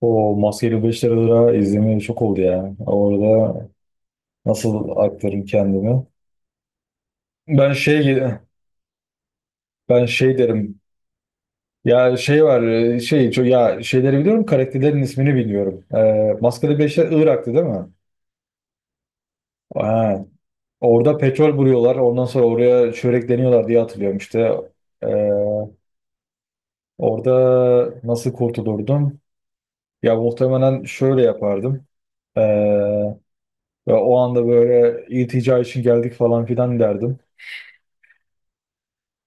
O maskeli 5 lira izleme çok oldu ya. Orada nasıl aktarım kendimi? Ben şey ben şey derim. Ya şey var ya şeyleri biliyorum, karakterlerin ismini bilmiyorum. Maskeli Beşler Irak'tı, değil mi? Ha. Orada petrol vuruyorlar. Ondan sonra oraya çörekleniyorlar diye hatırlıyorum işte. Ee, orada nasıl kurtulurdum? Ya muhtemelen şöyle yapardım. Ee, ve o anda böyle iltica için geldik falan filan derdim.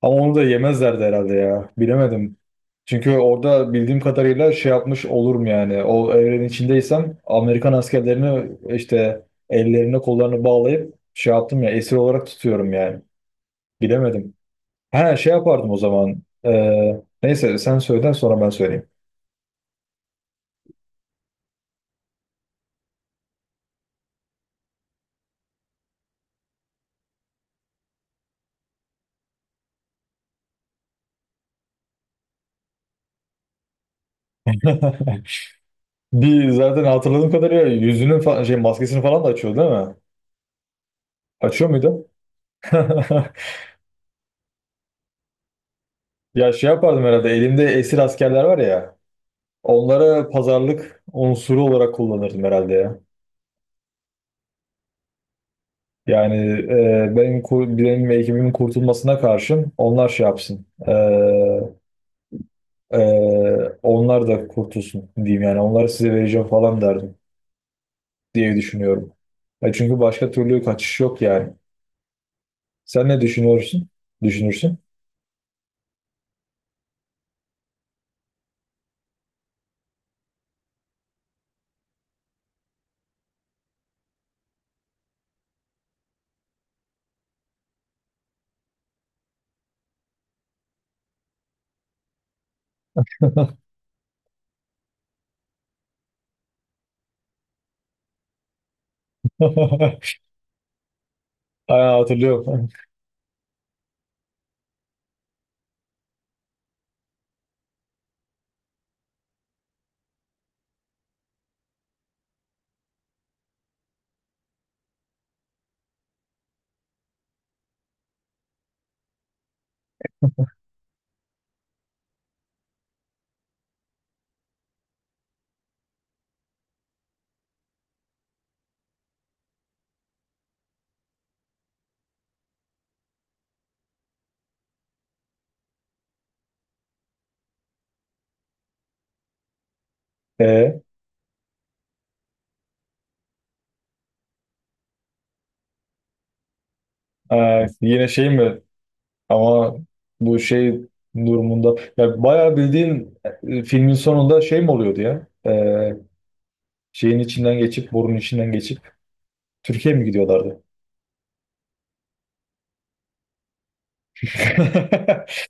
Ama onu da yemezlerdi herhalde ya. Bilemedim. Çünkü orada bildiğim kadarıyla şey yapmış olurum yani. O evrenin içindeysem Amerikan askerlerini işte ellerine kollarını bağlayıp şey yaptım ya, esir olarak tutuyorum yani. Bilemedim. Ha şey yapardım o zaman. Neyse sen söyle, sonra ben söyleyeyim. Bir zaten hatırladığım kadarıyla şey maskesini falan da açıyor, değil mi? Açıyor muydu? Ya şey yapardım herhalde, elimde esir askerler var ya, onlara pazarlık unsuru olarak kullanırdım herhalde ya. Yani benim ve ekibimin kurtulmasına karşın onlar şey yapsın. E, onlar da kurtulsun diyeyim, yani onları size vereceğim falan derdim diye düşünüyorum. E çünkü başka türlü kaçış yok yani. Sen ne düşünüyorsun? Düşünürsün. Aynen hatırlıyorum. E, yine şey mi? Ama bu şey durumunda ya bayağı bildiğin, filmin sonunda şey mi oluyordu ya? Şeyin içinden geçip, borunun içinden geçip Türkiye'ye mi gidiyorlardı?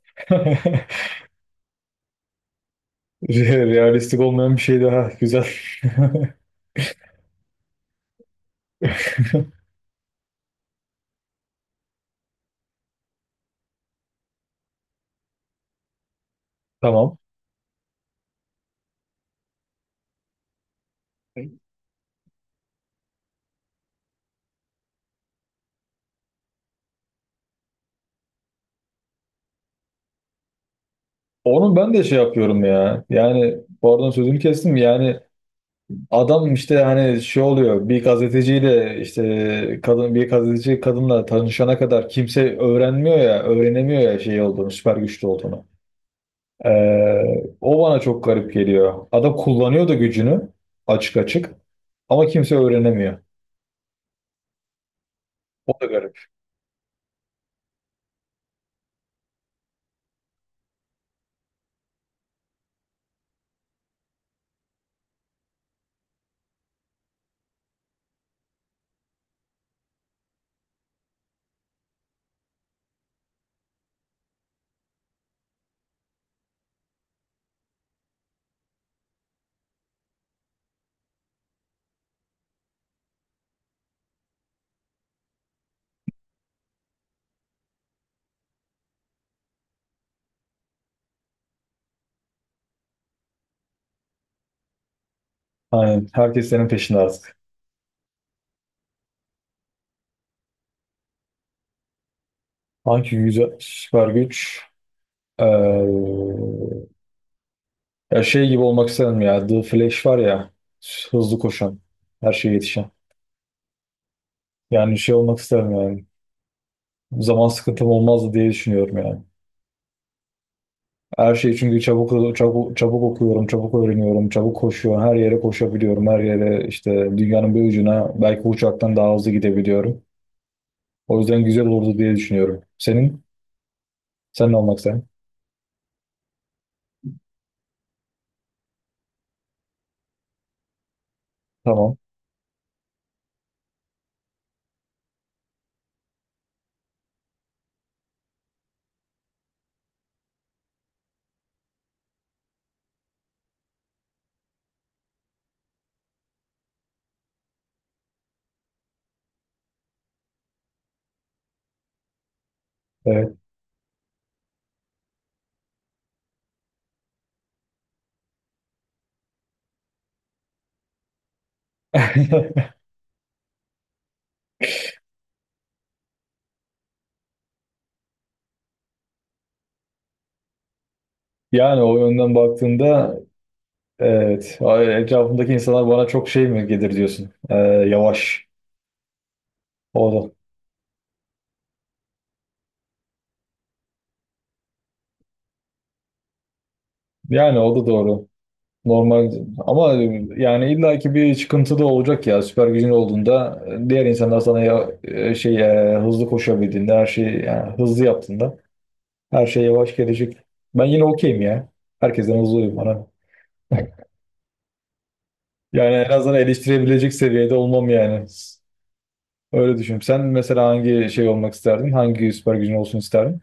Realistik olmayan bir şey daha güzel. Tamam. Onu ben de şey yapıyorum ya. Yani bu arada sözünü kestim. Yani adam işte hani şey oluyor, bir gazeteciyle, işte kadın bir gazeteci kadınla tanışana kadar kimse öğrenmiyor ya, öğrenemiyor ya şey olduğunu, süper güçlü olduğunu. O bana çok garip geliyor. Adam kullanıyor da gücünü açık açık ama kimse öğrenemiyor. O da garip. Hani herkes senin peşinde artık. Hangi güzel süper güç? Ee, ya şey gibi olmak isterim ya, The Flash var ya, hızlı koşan, her şeye yetişen. Yani şey olmak isterim yani. Zaman sıkıntım olmazdı diye düşünüyorum yani. Her şeyi çünkü çabuk çabuk çabuk okuyorum, çabuk öğreniyorum, çabuk koşuyorum. Her yere koşabiliyorum. Her yere işte, dünyanın bir ucuna belki bu uçaktan daha hızlı gidebiliyorum. O yüzden güzel olurdu diye düşünüyorum. Senin? Sen ne olmak sen? Tamam. Evet. Yani o yönden baktığında evet. Etrafımdaki insanlar bana çok şey mi gelir diyorsun. Yavaş. O da. Yani o da doğru. Normal ama yani illaki bir çıkıntı da olacak ya, süper gücün olduğunda diğer insanlar sana ya, hızlı koşabildiğinde, her şeyi yani hızlı yaptığında her şey yavaş gelecek. Ben yine okeyim ya. Herkesten hızlıyım bana. Yani en azından eleştirebilecek seviyede olmam yani. Öyle düşünüyorum. Sen mesela hangi şey olmak isterdin? Hangi süper gücün olsun isterdin?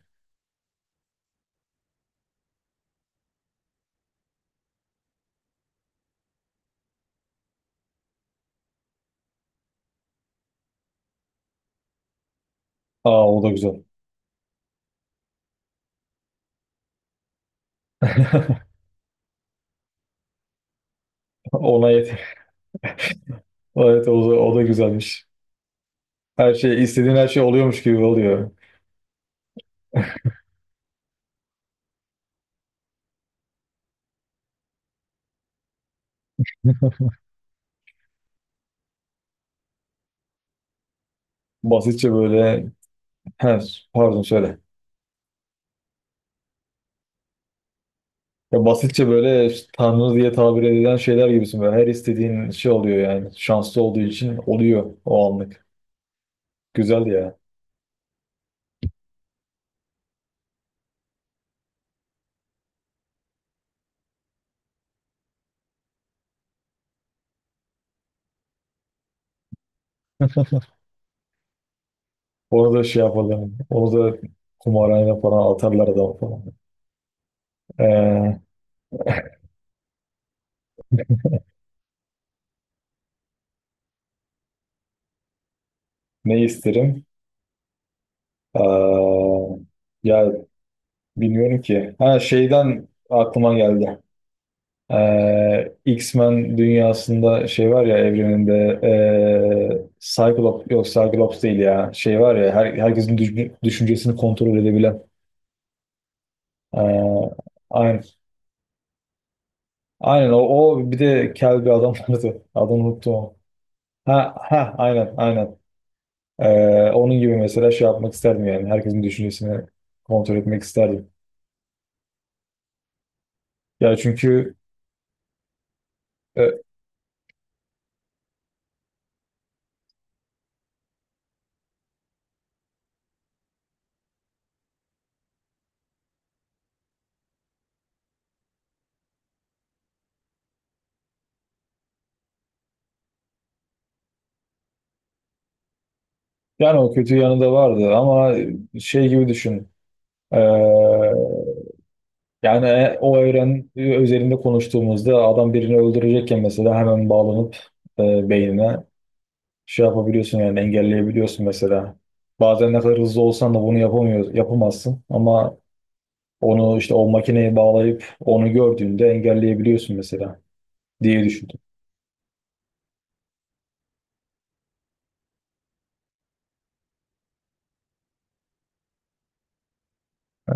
Aa, o da güzel. Ona yet. Evet, o da, o da güzelmiş. Her şey, istediğin her şey oluyormuş gibi oluyor. Basitçe böyle. He, pardon söyle. Ya basitçe böyle işte tanrı diye tabir edilen şeyler gibisin böyle. Her istediğin şey oluyor yani. Şanslı olduğu için oluyor o anlık. Güzel ya. Orada şey yapalım. Orada kumarhane falan atarlar adam falan. Ee, ne isterim? Ee, ya bilmiyorum ki. Ha, şeyden aklıma geldi. X-Men dünyasında şey var ya, evreninde Cyclops, yok Cyclops değil ya, şey var ya herkesin düşüncesini kontrol edebilen. Ee, aynen. Aynen o, o bir de kel bir adam vardı. Adını unuttum ama. Ha ha, aynen aynen. Onun gibi mesela şey yapmak isterdim yani. Herkesin düşüncesini kontrol etmek isterdim. Ya çünkü e, yani o kötü yanı da vardı ama şey gibi düşün. Ee, yani o evren üzerinde konuştuğumuzda adam birini öldürecekken mesela hemen bağlanıp beynine şey yapabiliyorsun, yani engelleyebiliyorsun mesela. Bazen ne kadar hızlı olsan da bunu yapamazsın ama onu işte o makineye bağlayıp onu gördüğünde engelleyebiliyorsun mesela diye düşündüm.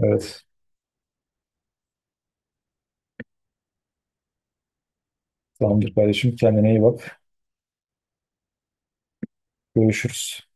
Evet. Tamamdır kardeşim, kendine iyi bak. Görüşürüz.